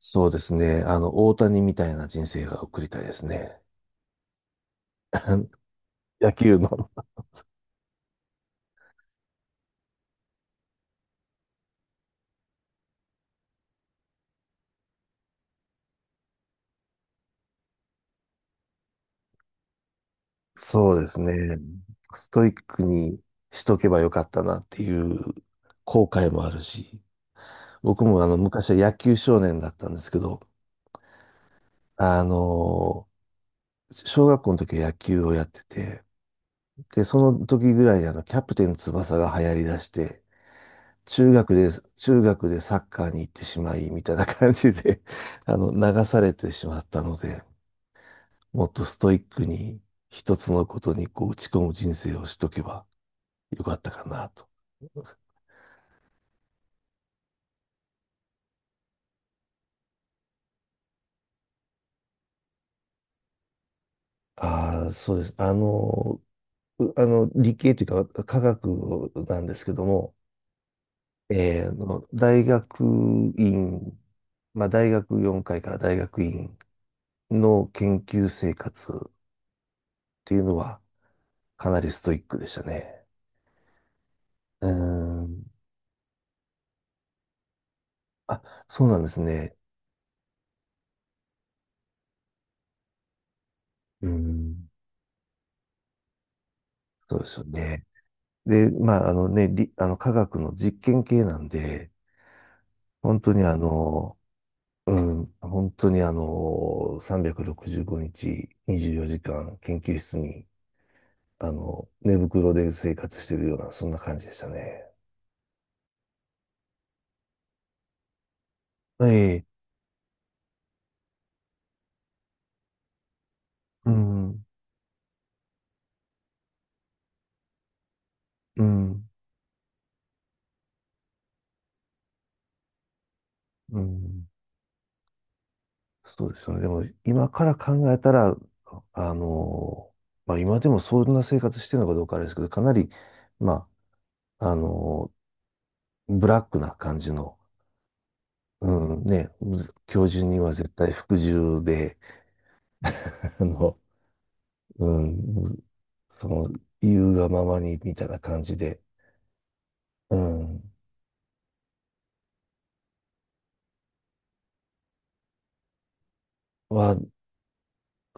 そうですね。大谷みたいな人生が送りたいですね。野球の。そうですね。ストイックにしとけばよかったなっていう後悔もあるし、僕も昔は野球少年だったんですけど、あの、小学校の時は野球をやってて、で、その時ぐらいにキャプテン翼が流行り出して、中学でサッカーに行ってしまい、みたいな感じで、流されてしまったので、もっとストイックに一つのことにこう打ち込む人生をしとけばよかったかなと。ああ、そうです。あの、うあの理系というか科学なんですけども、大学院、まあ、大学4回から大学院の研究生活っていうのはかなりストイックでしたね。うーん。あ、そうなんですね。うーん。そうですよね。で、まあ、あのね、り、あの、科学の実験系なんで、本当にうん、本当にあの、365日、24時間、研究室に、寝袋で生活してるような、そんな感じでしたね。ええ、うん、うん、うん、そうですよね。でも、今から考えたら、あの、まあ、今でもそんな生活してるのかどうかあれですけど、かなり、まあ、ブラックな感じの、うん、ね、むず教授には絶対服従で、あの、うん、その、言うがままにみたいな感じで、うん、は、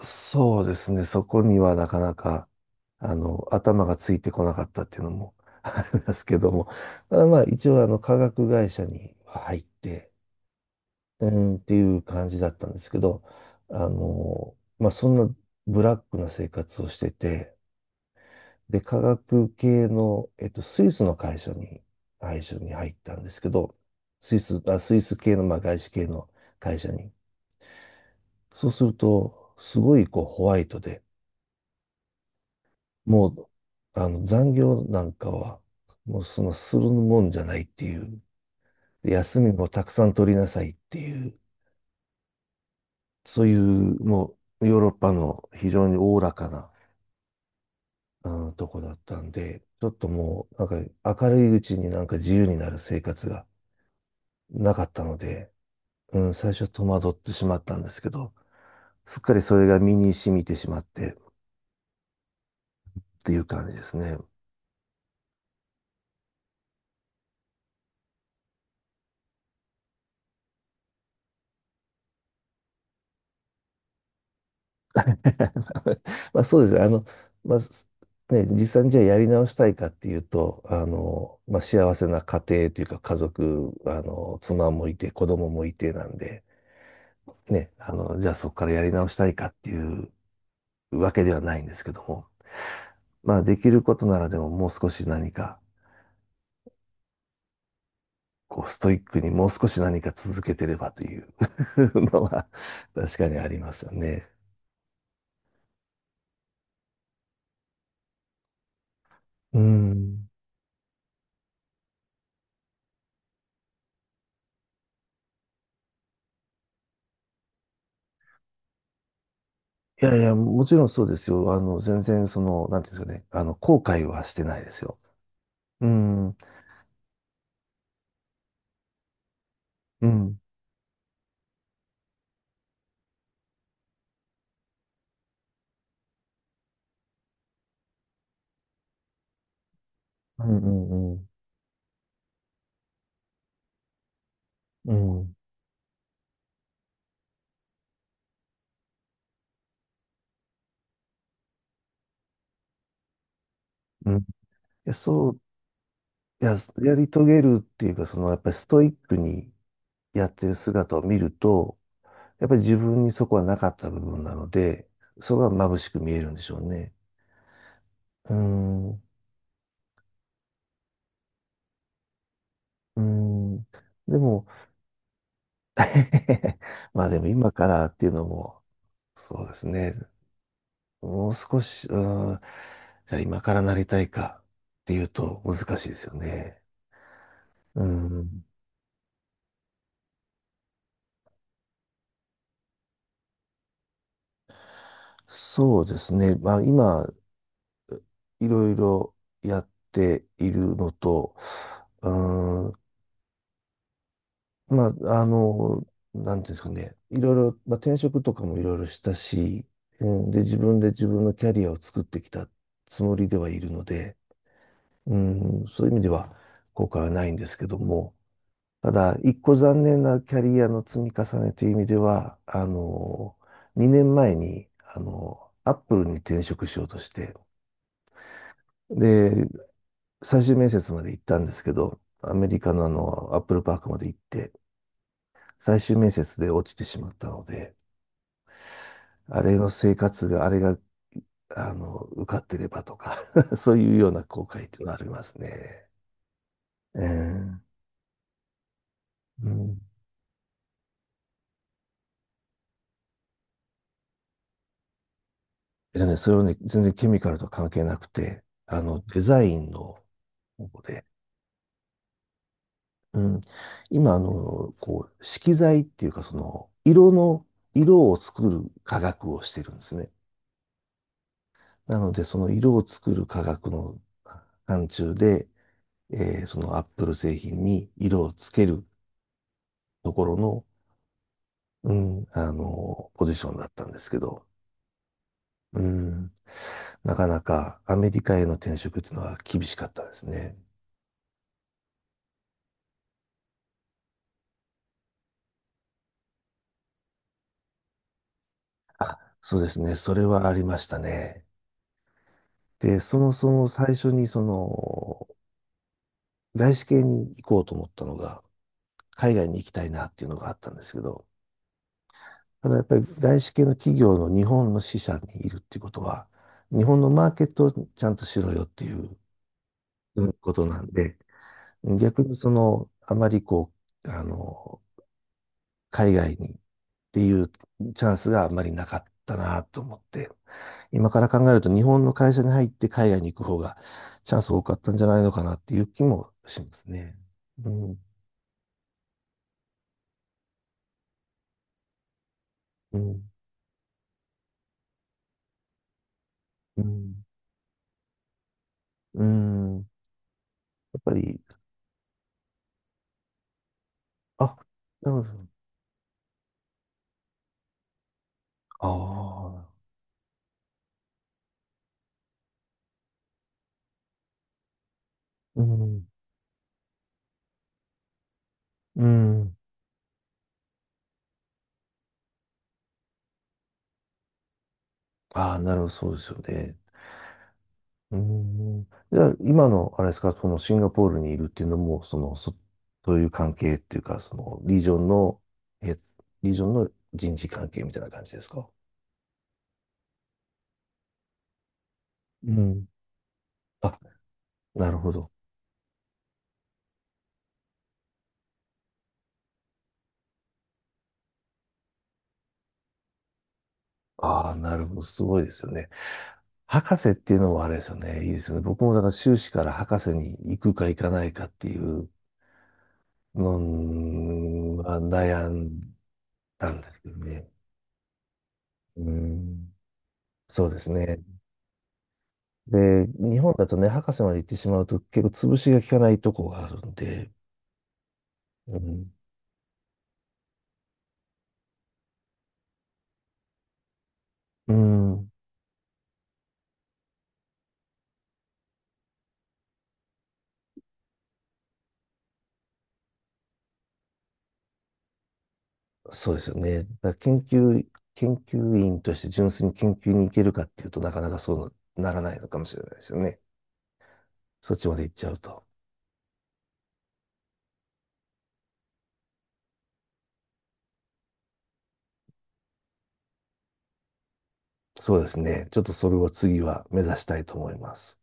そうですね、そこにはなかなか、頭がついてこなかったっていうのも ありますけども、ただまあ、一応、化学会社には入って、うん、っていう感じだったんですけど、まあ、そんなブラックな生活をしてて、で、化学系の、スイスの会社に入ったんですけど、スイス系の、まあ、外資系の会社に。そうすると、すごいこうホワイトで、もう、残業なんかは、もうするもんじゃないっていう、で休みもたくさん取りなさいっていう、そういう、もう、ヨーロッパの非常におおらかな、うん、とこだったんで、ちょっともう、なんか、明るいうちになんか自由になる生活がなかったので、うん、最初戸惑ってしまったんですけど、すっかりそれが身に染みてしまってっていう感じですね。まあそうです。まあ、実際にじゃあやり直したいかっていうと、まあ幸せな家庭というか家族、妻もいて子供もいてなんで、ね、じゃあそこからやり直したいかっていうわけではないんですけども、まあできることならでももう少し何かこう、ストイックにもう少し何か続けてればという のは確かにありますよね。うん。いやいや、もちろんそうですよ。全然なんていうんですかね、後悔はしてないですよ。うん、うん、うん、うん、うん、うん。うん、いや、いや、やり遂げるっていうか、やっぱりストイックにやってる姿を見ると、やっぱり自分にそこはなかった部分なので、そこが眩しく見えるんでしょうね。うん、うん。でも、まあでも今からっていうのも、そうですね。もう少し、うん、じゃあ今からなりたいかっていうと難しいですよね。うん、そうですね。まあ今、いろいろやっているのと、うん、まあ、なんていうんですかね。いろいろ、まあ転職とかもいろいろしたし、うん、で、自分で自分のキャリアを作ってきたつもりではいるので、うん、そういう意味では後悔はないんですけども、ただ、一個残念なキャリアの積み重ねという意味では、2年前に、アップルに転職しようとして、で、最終面接まで行ったんですけど、アメリカのアップルパークまで行って、最終面接で落ちてしまったので、あれの生活が、あれが、受かってればとか そういうような後悔っていうのはありますね。えーうん、それはね、全然ケミカルとは関係なくて、デザインの方で、うん、今、色彩っていうか、色を作る科学をしてるんですね。なので、その色を作る科学の範疇で、そのアップル製品に色をつけるところの、うん、ポジションだったんですけど、うん、なかなかアメリカへの転職っていうのは厳しかったですね。あ、そうですね。それはありましたね。で、そもそも最初に外資系に行こうと思ったのが、海外に行きたいなっていうのがあったんですけど、ただやっぱり外資系の企業の日本の支社にいるっていうことは、日本のマーケットをちゃんとしろよっていう、うん、ことなんで、逆にあまりう、あの、海外にっていうチャンスがあまりなかったなと思って、今から考えると日本の会社に入って海外に行く方がチャンス多かったんじゃないのかなっていう気もしますね。うん、うん、うん、うん。やっぱり、あ、なるほど。ああ、うん、うん。ああ、なるほど、そうですよね。うん。じゃあ、今の、あれですか、そのシンガポールにいるっていうのも、そういう関係っていうか、え、リージョンの人事関係みたいな感じですか？うん。あ、なるほど。ああ、なるほど。すごいですよね。博士っていうのはあれですよね。いいですよね。僕もだから修士から博士に行くか行かないかっていうのが悩んだんですけどね。うん。そうですね。で、日本だとね、博士まで行ってしまうと結構潰しが効かないとこがあるんで、うん。うん。そうですよね。だから研究員として純粋に研究に行けるかっていうとなかなかそうならないのかもしれないですよね。そっちまで行っちゃうと。そうですね。ちょっとそれを次は目指したいと思います。